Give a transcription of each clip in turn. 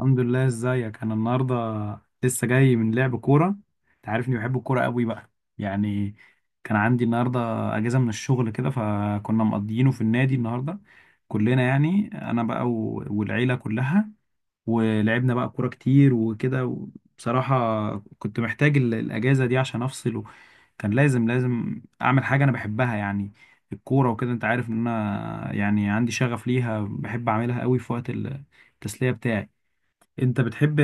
الحمد لله، ازيك انا النهارده؟ لسه جاي من لعب كوره. انت عارفني بحب الكوره قوي بقى، يعني كان عندي النهارده اجازه من الشغل، كده فكنا مقضيينه في النادي النهارده كلنا، يعني انا بقى والعيله كلها. ولعبنا بقى كوره كتير وكده. بصراحه كنت محتاج الاجازه دي عشان افصل. كان لازم اعمل حاجه انا بحبها، يعني الكوره وكده. انت عارف ان انا يعني عندي شغف ليها، بحب اعملها قوي في وقت التسليه بتاعي. انت بتحب،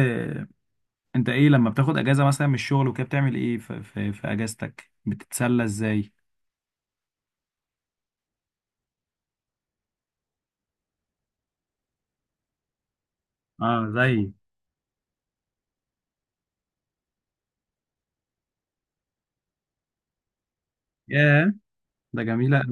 انت ايه لما بتاخد اجازة مثلا من الشغل وكده بتعمل ايه في اجازتك؟ بتتسلى ازاي؟ اه زي. ياه، ده جميلة.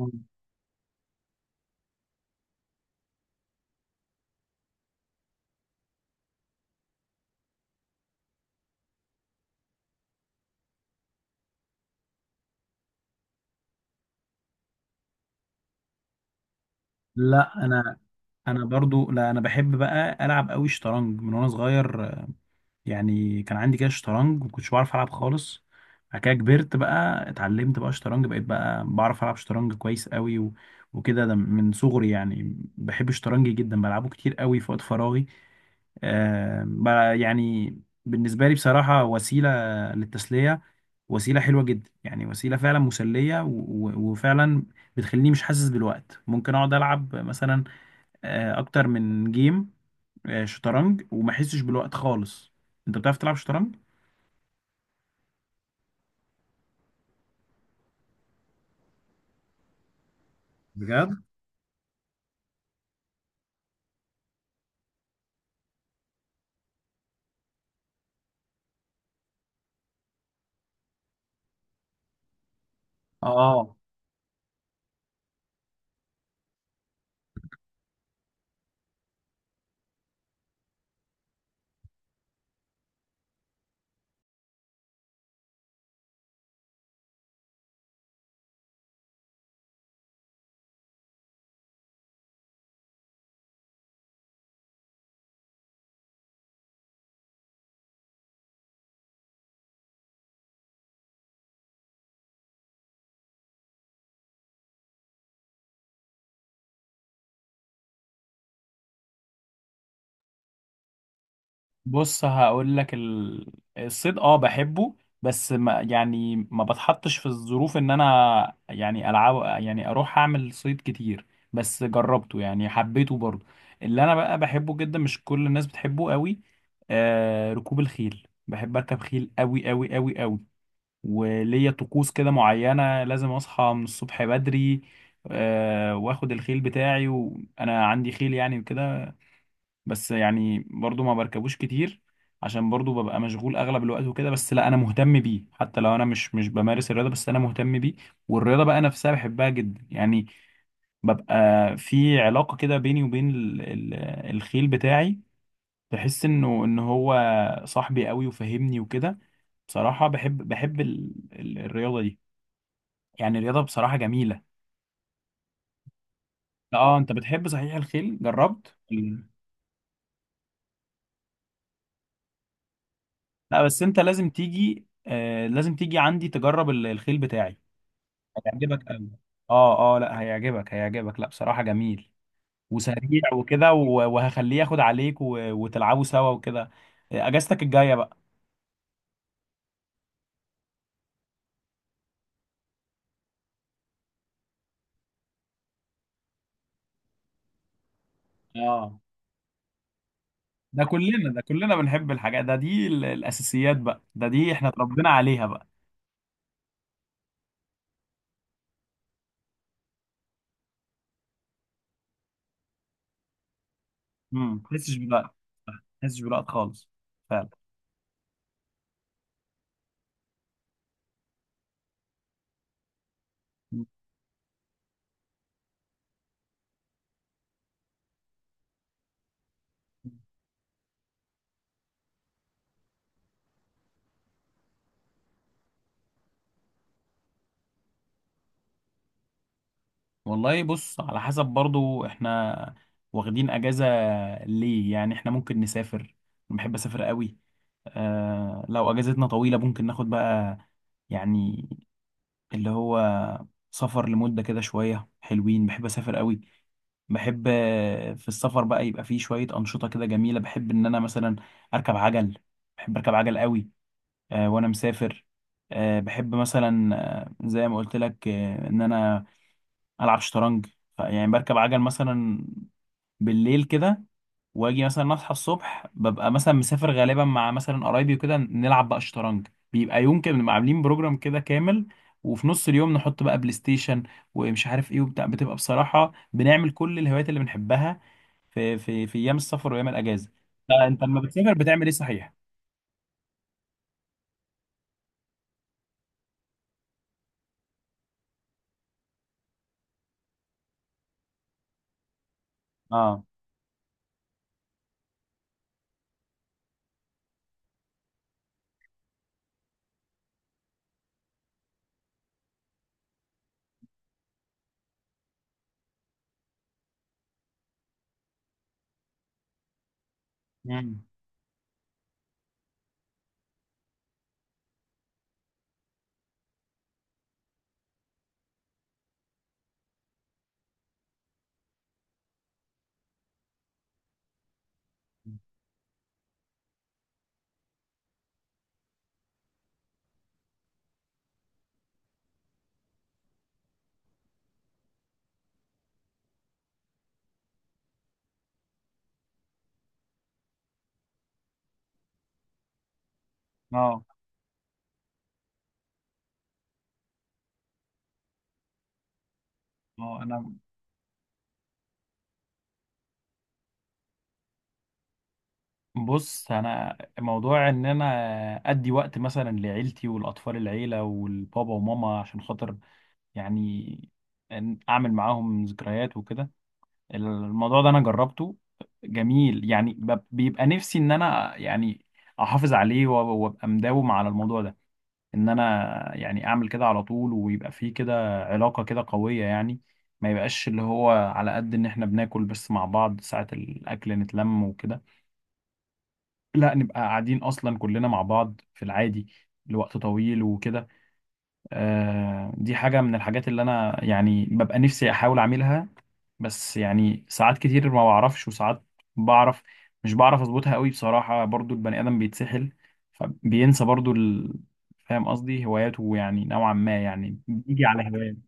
أوي. لا انا، برضو، لا انا بحب بقى العب قوي شطرنج من وانا صغير. يعني كان عندي كده شطرنج، ما كنتش بعرف العب خالص. بعد كده كبرت بقى، اتعلمت بقى شطرنج، بقيت بقى بعرف العب شطرنج كويس قوي وكده. ده من صغري، يعني بحب الشطرنج جدا، بلعبه كتير قوي في وقت فراغي. آه بقى، يعني بالنسبة لي بصراحة وسيلة للتسلية، وسيلة حلوة جدا، يعني وسيلة فعلا مسلية وفعلا بتخليني مش حاسس بالوقت. ممكن اقعد العب مثلا اكتر من جيم شطرنج وما احسش بالوقت خالص. انت بتعرف تلعب شطرنج؟ بجد. اه، بص هقول لك الصيد اه بحبه، بس ما يعني ما بتحطش في الظروف ان انا يعني العب، يعني اروح اعمل صيد كتير. بس جربته، يعني حبيته برضه. اللي انا بقى بحبه جدا مش كل الناس بتحبه قوي، آه ركوب الخيل. بحب اركب خيل قوي قوي قوي قوي. وليا طقوس كده معينة، لازم أصحى من الصبح بدري، وآخد الخيل بتاعي، وأنا عندي خيل يعني وكده. بس يعني برضو ما بركبوش كتير، عشان برضو ببقى مشغول أغلب الوقت وكده. بس لا أنا مهتم بيه، حتى لو أنا مش بمارس الرياضة، بس أنا مهتم بيه. والرياضة بقى نفسها بحبها جدا يعني، ببقى في علاقة كده بيني وبين الخيل بتاعي. بحس إنه إن هو صاحبي قوي وفاهمني وكده. بصراحة بحب الرياضة دي. يعني الرياضة بصراحة جميلة. اه، انت بتحب صحيح الخيل؟ جربت؟ لا بس انت لازم تيجي، آه لازم تيجي عندي تجرب الخيل بتاعي. هيعجبك قوي. اه اه، لا هيعجبك، هيعجبك، لا بصراحة جميل وسريع وكده، وهخليه ياخد عليك وتلعبوا سوا وكده، اجازتك الجاية بقى. اه. ده كلنا بنحب الحاجات دي، الاساسيات بقى دي احنا اتربينا عليها بقى. امم، ما تحسش بالوقت، ما تحسش بالوقت خالص. فعلا. والله بص، على حسب برضو احنا واخدين اجازة ليه. يعني احنا ممكن نسافر، انا بحب اسافر قوي. آه لو اجازتنا طويلة ممكن ناخد بقى، يعني اللي هو سفر لمدة كده شوية حلوين. بحب اسافر قوي. بحب في السفر بقى يبقى فيه شوية انشطة كده جميلة. بحب ان انا مثلا اركب عجل، بحب اركب عجل قوي وانا مسافر. آه بحب مثلا، زي ما قلت لك، ان انا العب شطرنج. يعني بركب عجل مثلا بالليل كده، واجي مثلا اصحى الصبح ببقى مثلا مسافر غالبا مع مثلا قرايبي وكده، نلعب بقى شطرنج. بيبقى يوم كده بنبقى عاملين بروجرام كده كامل، وفي نص اليوم نحط بقى بلاي ستيشن ومش عارف ايه وبتاع. بتبقى بصراحة بنعمل كل الهوايات اللي بنحبها في ايام السفر وايام الاجازة. فانت لما بتسافر بتعمل ايه صحيح؟ اه. امم. اه اه. انا، بص انا، موضوع ان انا ادي وقت مثلا لعيلتي والاطفال، العيله والبابا وماما، عشان خاطر يعني إن اعمل معاهم ذكريات وكده، الموضوع ده انا جربته، جميل. يعني بيبقى نفسي ان انا يعني احافظ عليه وابقى مداوم على الموضوع ده، ان انا يعني اعمل كده على طول، ويبقى فيه كده علاقه كده قويه يعني. ما يبقاش اللي هو على قد ان احنا بناكل بس مع بعض ساعه الاكل نتلم وكده، لا نبقى قاعدين اصلا كلنا مع بعض في العادي لوقت طويل وكده. آه دي حاجة من الحاجات اللي انا يعني ببقى نفسي احاول اعملها، بس يعني ساعات كتير ما بعرفش وساعات بعرف. مش بعرف اظبطها قوي بصراحة، برضو البني ادم بيتسحل فبينسى برضو فاهم قصدي هواياته، يعني نوعا ما يعني بيجي على هواياته.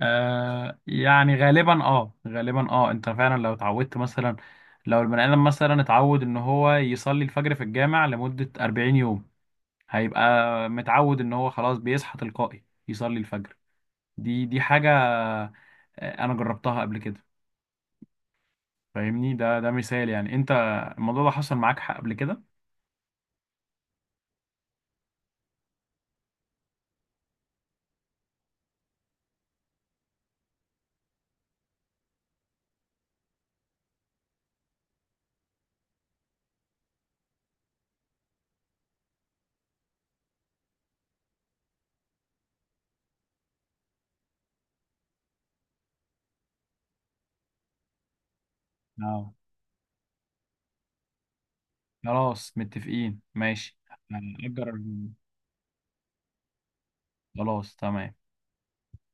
آه يعني غالبا، اه غالبا، اه انت فعلا لو اتعودت مثلا، لو البني ادم مثلا اتعود ان هو يصلي الفجر في الجامع لمدة 40 يوم، هيبقى متعود ان هو خلاص بيصحى تلقائي يصلي الفجر. دي حاجة انا جربتها قبل كده، فاهمني. ده مثال، يعني انت الموضوع ده حصل معاك حق قبل كده؟ اه، خلاص متفقين، ماشي. هنأجر. خلاص تمام.